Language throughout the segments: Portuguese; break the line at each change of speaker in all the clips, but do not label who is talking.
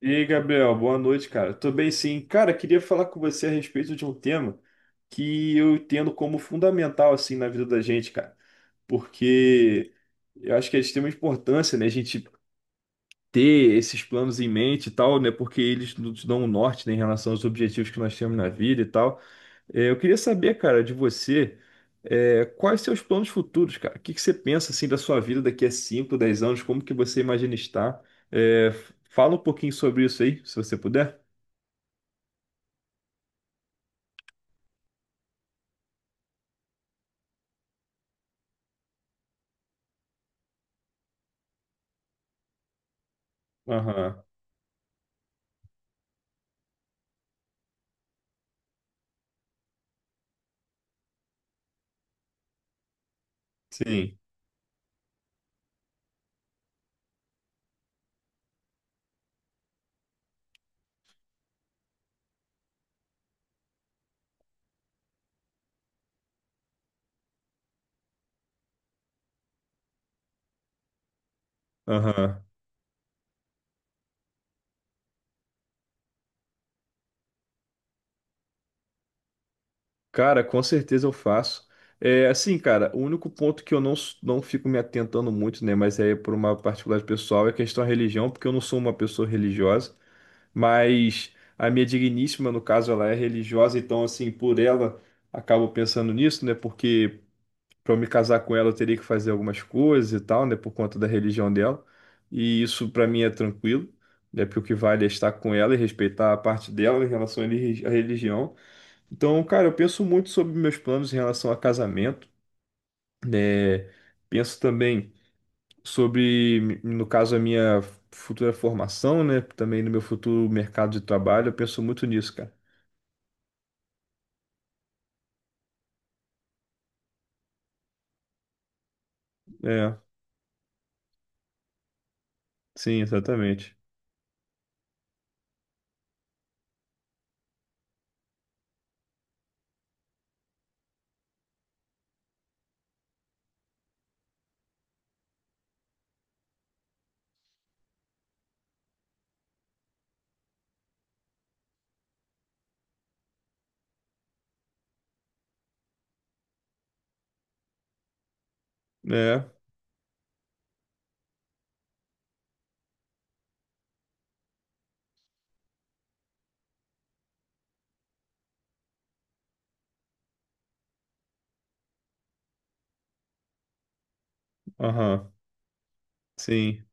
E aí, Gabriel, boa noite, cara. Tô bem, sim. Cara, queria falar com você a respeito de um tema que eu entendo como fundamental, assim, na vida da gente, cara. Porque eu acho que é de extrema importância, né, a gente ter esses planos em mente e tal, né, porque eles nos dão um norte, né, em relação aos objetivos que nós temos na vida e tal. Eu queria saber, cara, de você, quais seus planos futuros, cara? O que que você pensa assim da sua vida daqui a cinco, 10 anos? Como que você imagina estar? Fala um pouquinho sobre isso aí, se você puder. Aham, sim. Aham. Cara, com certeza eu faço. Assim, cara, o único ponto que eu não, não fico me atentando muito, né? Mas é por uma particularidade pessoal, é a questão da religião, porque eu não sou uma pessoa religiosa. Mas a minha digníssima, no caso, ela é religiosa, então, assim, por ela, acabo pensando nisso, né? Porque para eu me casar com ela, eu teria que fazer algumas coisas e tal, né? Por conta da religião dela. E isso, para mim, é tranquilo, né? Porque o que vale é estar com ela e respeitar a parte dela em relação à religião. Então, cara, eu penso muito sobre meus planos em relação a casamento, né? Penso também sobre, no caso, a minha futura formação, né? Também no meu futuro mercado de trabalho, eu penso muito nisso, cara. É, sim, exatamente. É, aham, sim.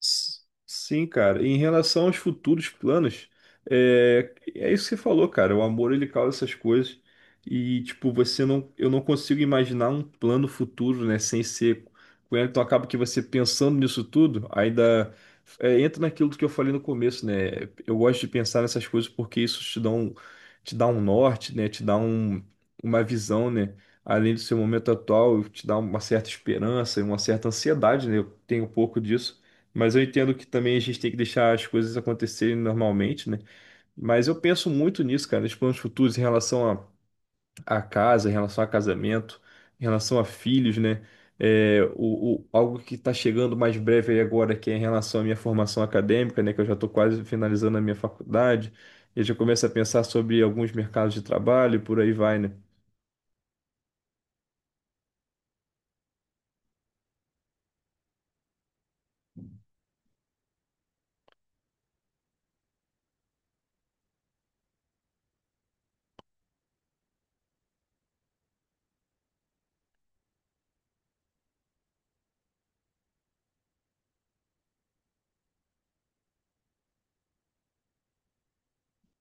S- Sim, cara. Em relação aos futuros planos, é isso que você falou, cara. O amor ele causa essas coisas e tipo você não, eu não consigo imaginar um plano futuro, né, sem ser com ela. Então acaba que você pensando nisso tudo, ainda entra naquilo que eu falei no começo, né? Eu gosto de pensar nessas coisas porque isso te dá um norte, né? Te dá uma visão, né? Além do seu momento atual, te dá uma certa esperança e uma certa ansiedade, né? Eu tenho um pouco disso, mas eu entendo que também a gente tem que deixar as coisas acontecerem normalmente, né? Mas eu penso muito nisso, cara, nos planos futuros em relação a, casa, em relação a casamento, em relação a filhos, né? Algo que está chegando mais breve aí agora, que é em relação à minha formação acadêmica, né? Que eu já estou quase finalizando a minha faculdade. Eu já começo a pensar sobre alguns mercados de trabalho e por aí vai, né?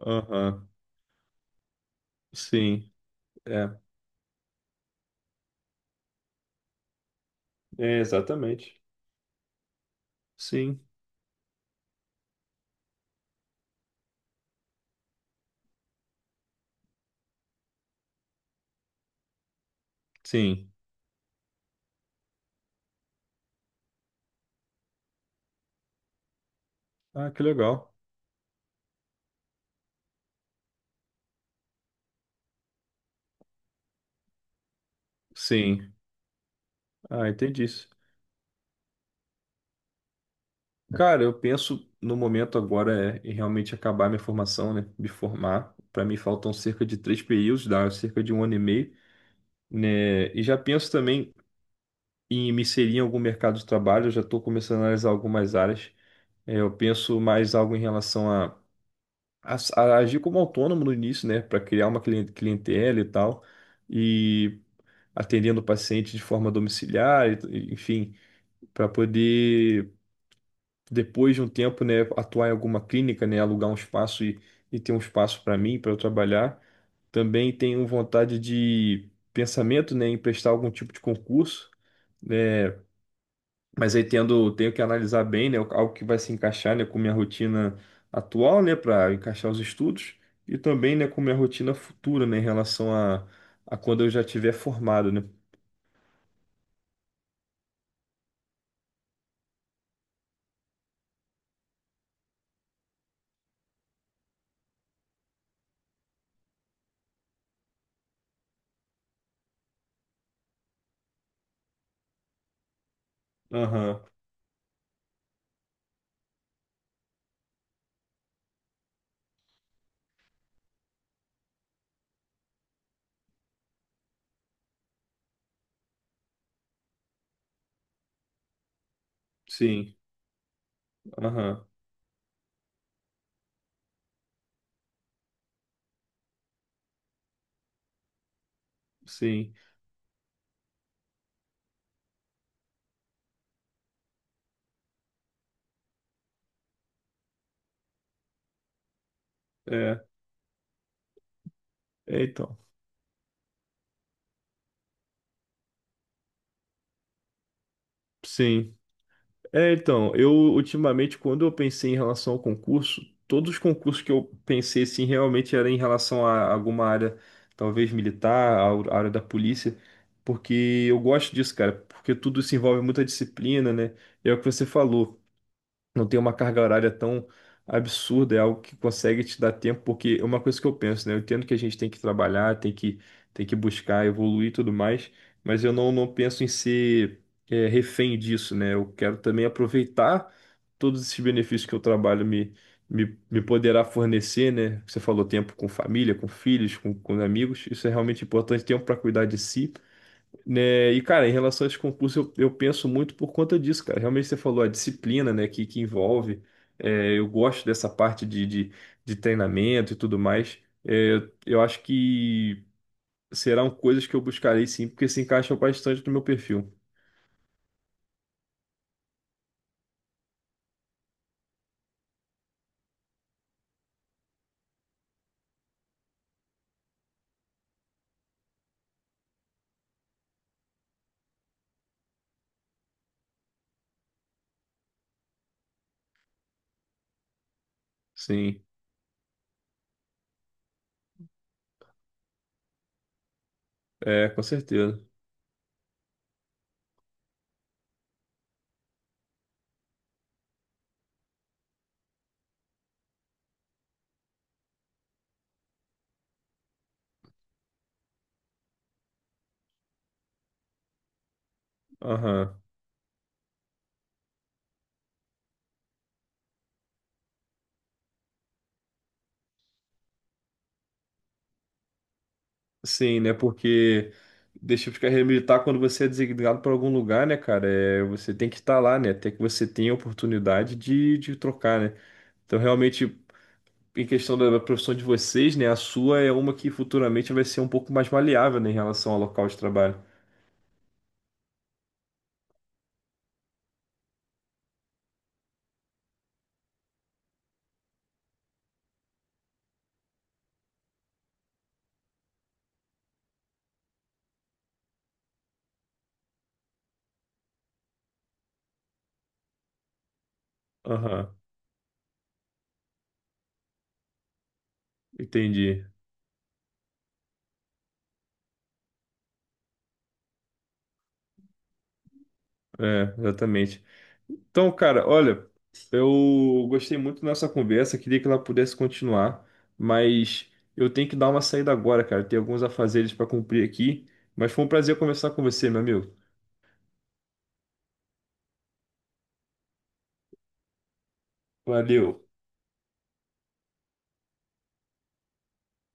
Aham, sim, é, é, exatamente. Sim, sim. Ah, que legal. Sim. Ah, entendi. Cara, eu penso no momento agora é em realmente acabar minha formação, né? Me formar. Para mim faltam cerca de três períodos, dá cerca de um ano e meio, né? E já penso também em me inserir em algum mercado de trabalho. Eu já estou começando a analisar algumas áreas. Eu penso mais algo em relação a, a agir como autônomo no início, né? Para criar uma clientela e tal, e atendendo o paciente de forma domiciliar, enfim, para poder depois de um tempo, né, atuar em alguma clínica, né, alugar um espaço e ter um espaço para mim, para eu trabalhar. Também tenho vontade de pensamento, né, em prestar algum tipo de concurso, né, mas aí tenho que analisar bem, né, algo que vai se encaixar, né, com minha rotina atual, né, para encaixar os estudos e também, né, com minha rotina futura, né, em relação a quando eu já tiver formado, né. Aham, sim, aham, sim, é, é então, sim. Então, eu ultimamente, quando eu pensei em relação ao concurso, todos os concursos que eu pensei assim realmente era em relação a alguma área, talvez militar, a área da polícia, porque eu gosto disso, cara, porque tudo se envolve muita disciplina, né? É o que você falou, não tem uma carga horária tão absurda, é algo que consegue te dar tempo, porque é uma coisa que eu penso, né? Eu entendo que a gente tem que trabalhar, tem que buscar, evoluir e tudo mais, mas eu não penso em ser refém disso, né? Eu quero também aproveitar todos esses benefícios que o trabalho me poderá fornecer, né? Você falou tempo com família, com filhos, com amigos, isso é realmente importante, tempo para cuidar de si, né? E, cara, em relação a esse concurso, eu penso muito por conta disso, cara. Realmente você falou a disciplina, né, que envolve. Eu gosto dessa parte de, treinamento e tudo mais. Eu acho que serão coisas que eu buscarei, sim, porque se encaixam bastante no meu perfil. Sim, com certeza. Aham. Sim, né, porque deixa de carreira militar quando você é designado para algum lugar, né, cara? Você tem que estar lá, né? Até que você tenha a oportunidade de trocar, né? Então, realmente, em questão da profissão de vocês, né? A sua é uma que futuramente vai ser um pouco mais maleável, né, em relação ao local de trabalho. Aham, entendi. É, exatamente. Então, cara, olha, eu gostei muito da nossa conversa, queria que ela pudesse continuar, mas eu tenho que dar uma saída agora, cara. Tem alguns afazeres para cumprir aqui, mas foi um prazer conversar com você, meu amigo. Valeu.